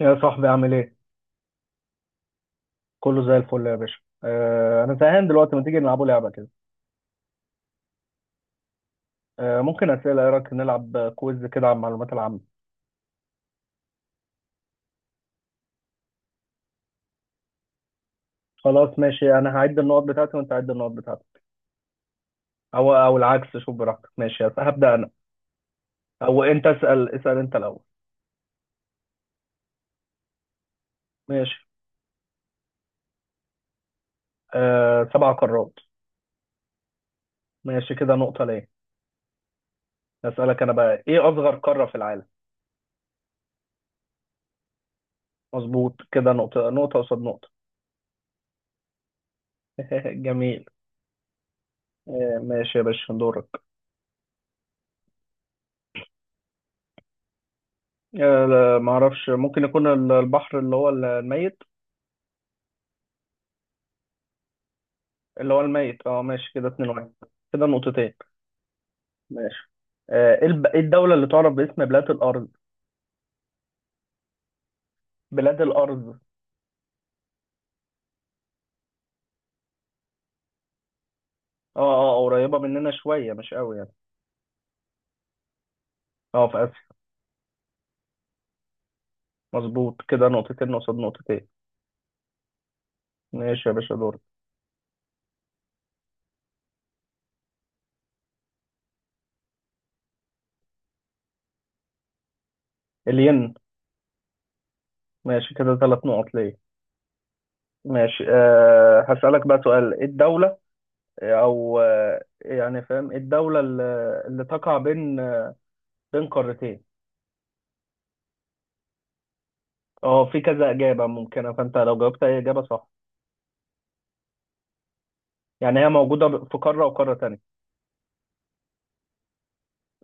يا صاحبي، عامل ايه؟ كله زي الفل يا باشا. انا زهقان دلوقتي، ما تيجي نلعبوا لعبة كده. ممكن اسئلة، ايه رايك نلعب كويز كده عن المعلومات العامة. خلاص ماشي، انا هعد النقط بتاعتي وانت عد النقط بتاعتك. او العكس، شوف براحتك. ماشي، هبدأ انا. او انت اسأل، اسأل انت الاول. ماشي. سبع قارات. ماشي، كده نقطة ليه؟ اسألك انا بقى، ايه اصغر قارة في العالم؟ مظبوط، كده نقطة، نقطة قصاد نقطة. جميل. ماشي يا باشا، دورك. لا، معرفش. ممكن يكون البحر اللي هو الميت. اللي هو الميت. اه ماشي كده، 2 1. كده نقطتين. ماشي إيه الدولة اللي تعرف باسم بلاد الأرض؟ بلاد الأرض. قريبة مننا شوية، مش قوي يعني. اه، في آسيا. مظبوط، كده نقطتين قصاد نقطتين. ماشي يا باشا، دور. الين. ماشي، كده ثلاث نقط ليه. ماشي، هسألك بقى سؤال، ايه الدولة؟ آه، او آه، يعني فاهم، ايه الدولة اللي، اللي تقع بين، بين قارتين؟ اه، في كذا إجابة ممكنة، فأنت لو جاوبت أي إجابة صح. يعني هي موجودة في قارة وقارة تانية.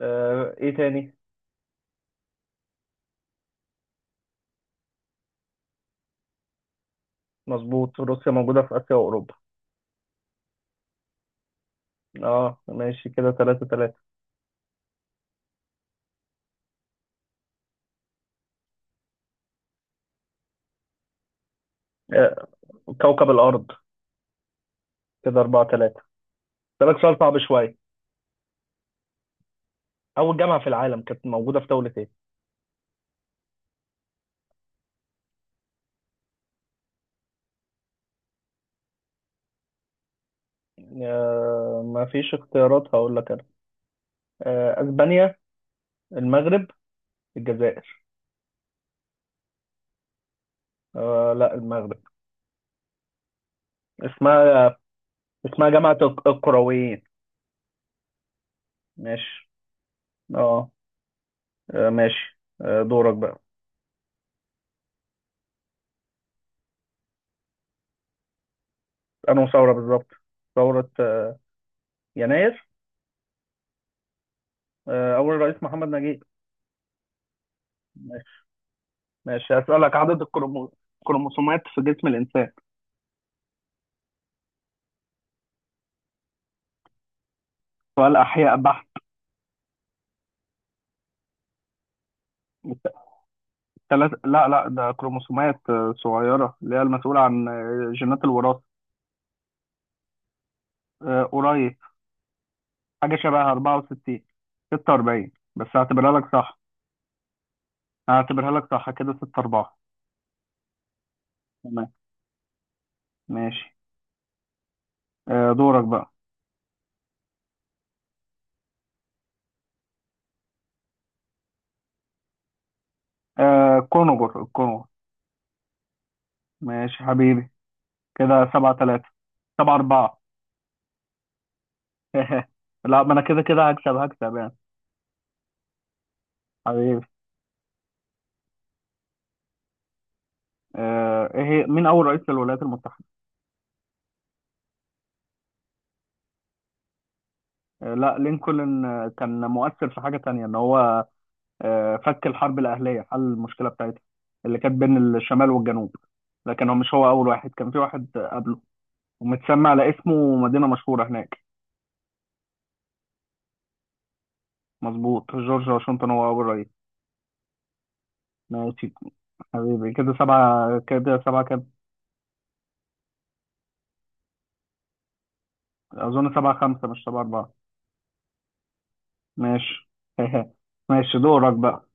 ايه تاني؟ مظبوط، روسيا موجودة في آسيا وأوروبا. اه ماشي، كده تلاتة تلاتة. آه، كوكب الأرض. كده أربعة تلاتة. سألك سؤال صعب شوية. أول جامعة في العالم كانت موجودة في دولة ايه؟ ما فيش اختيارات، هقول لك أنا. أسبانيا، المغرب، الجزائر. لا، المغرب. اسمها، اسمها جامعة القرويين. ماشي. اه. ماشي دورك بقى. أنهي ثورة بالظبط؟ ثورة يناير. أول رئيس محمد نجيب. ماشي، هسألك عدد الكروموسومات في جسم الإنسان. سؤال أحياء بحت. لا لا، ده كروموسومات صغيرة، اللي هي المسؤولة عن جينات الوراثة. قريب. حاجة شبه 64. 46، بس هعتبرها لك صح. كده 6 4. تمام. ماشي، دورك بقى. آه، كونغر الكونغر. ماشي حبيبي، كده 7 3. 7 4. لا، ما انا كده كده هكسب، هكسب يعني. حبيبي. آه، ايه هي مين اول رئيس للولايات المتحدة؟ لا، لينكولن كان مؤثر في حاجة تانية، ان هو فك الحرب الأهلية، حل المشكلة بتاعتها، اللي كانت بين الشمال والجنوب. لكن هو مش هو أول واحد، كان في واحد قبله، ومتسمى على اسمه مدينة مشهورة هناك. مظبوط، جورج واشنطن هو أول رئيس. ماشي حبيبي، كده سبعة، كده سبعة كده. أظن سبعة خمسة مش سبعة أربعة. ماشي. ماشي، دورك بقى.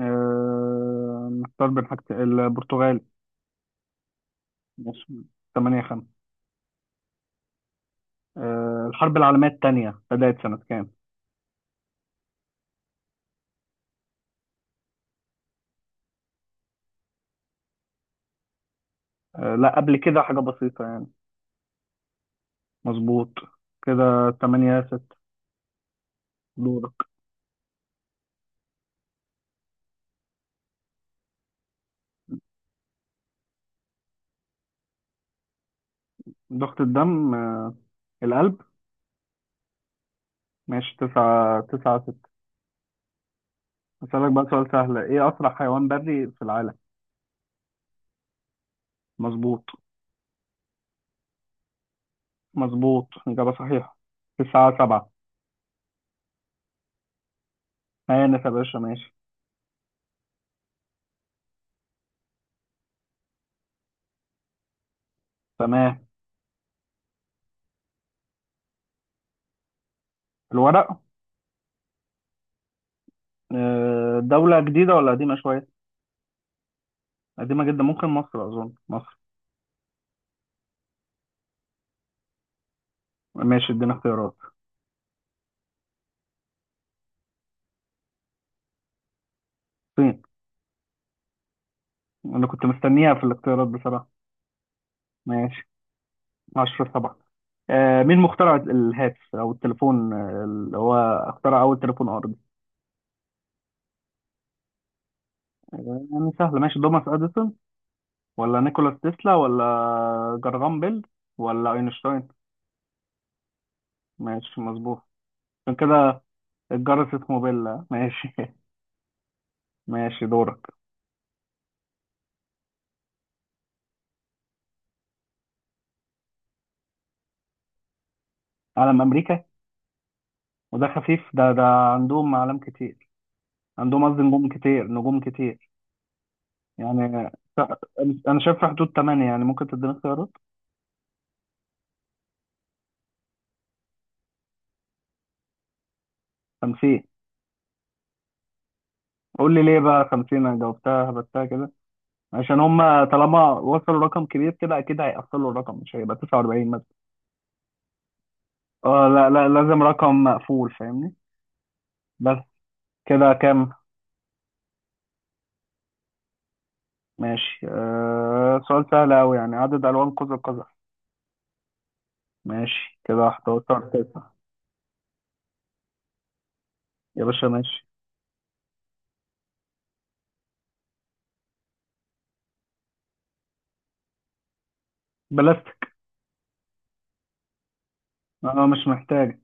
نختار بين حاجتين، البرتغال. ماشي، تمانية خمسة. الحرب العالمية التانية بدأت سنة كام؟ لا، قبل كده حاجة بسيطة يعني. مظبوط. كده تمانية ست. دورك. ضغط الدم، القلب. ماشي، تسعة. تسعة ست. أسألك بقى سؤال سهل، إيه أسرع حيوان بري في العالم؟ مظبوط. مظبوط، إجابة صحيحة. تسعة سبعة. هانف يا باشا، ماشي. تمام. الورق. دولة جديدة ولا قديمة شوية؟ قديمة جدا، ممكن مصر، أظن مصر. ماشي، ادينا اختيارات. الصين. أنا كنت مستنيها في الاختيارات بصراحة. ماشي، اشرف طبعا. مين مخترع الهاتف او التليفون، اللي هو اخترع اول تليفون ارضي؟ يعني سهله. ماشي، توماس اديسون، ولا نيكولاس تسلا، ولا جرغام بيل، ولا اينشتاين؟ ماشي مظبوط. عشان كده الجرس اسمه بيل ماشي. ماشي، دورك. علم امريكا. وده خفيف ده. عندهم اعلام كتير. عندهم، قصدي، نجوم كتير، نجوم كتير. يعني، ف- انا شايف في حدود 8، يعني ممكن تديني اختيارات. 50. قول لي ليه بقى 50، انا جاوبتها هبتها كده. عشان هم طالما وصلوا رقم كبير كده، اكيد هيقفلوا الرقم، مش هيبقى 49 مثلا. اه لا لا، لازم رقم مقفول، فاهمني. بس. كده كام؟ ماشي، سؤال سهل قوي يعني، عدد الوان قوس قزح. ماشي كده، 11 9. يا باشا ماشي. بلاستيك. انا مش محتاج.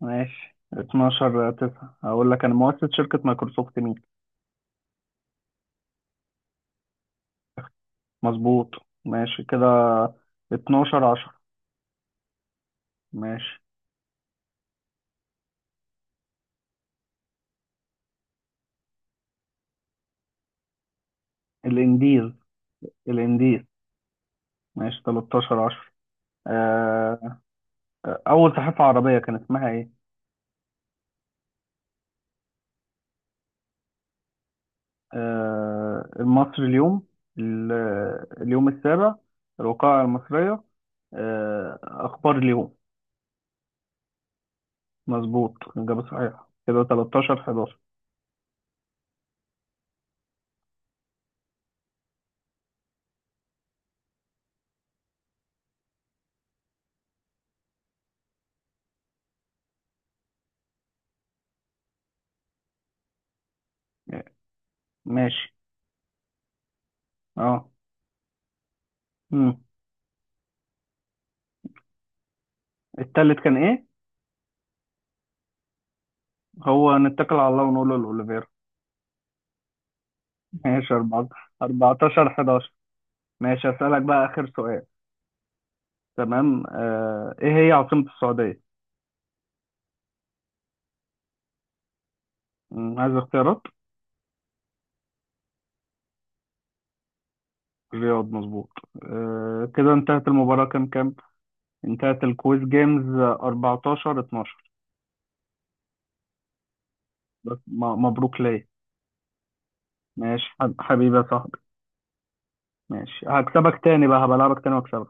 ماشي، 12 9. هقول لك انا، مؤسس شركة مايكروسوفت مين؟ مظبوط. ماشي كده، 12 10. ماشي. الانديز. الانديز. ماشي، 13 10. أول صحيفة عربية كان اسمها إيه؟ مصر اليوم، ال- اليوم السابع، الوقائع المصرية، أخبار اليوم. مظبوط، إجابة صحيحة. كده 13 11. ماشي. أه. مم. التالت كان إيه؟ هو، نتكل على الله ونقول له الأوليفيرا. ماشي، 14 11. ماشي، أسألك بقى آخر سؤال. تمام، إيه هي عاصمة السعودية؟ عايز اختيارات؟ الرياض مظبوط. كده انتهت المباراة، كام كام؟ انتهت الكويز جيمز، 14 12. بس مبروك ليا. ماشي حبيبي يا صاحبي. ماشي، هكسبك تاني بقى، هبلعبك تاني واكسبك.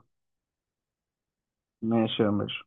ماشي يا باشا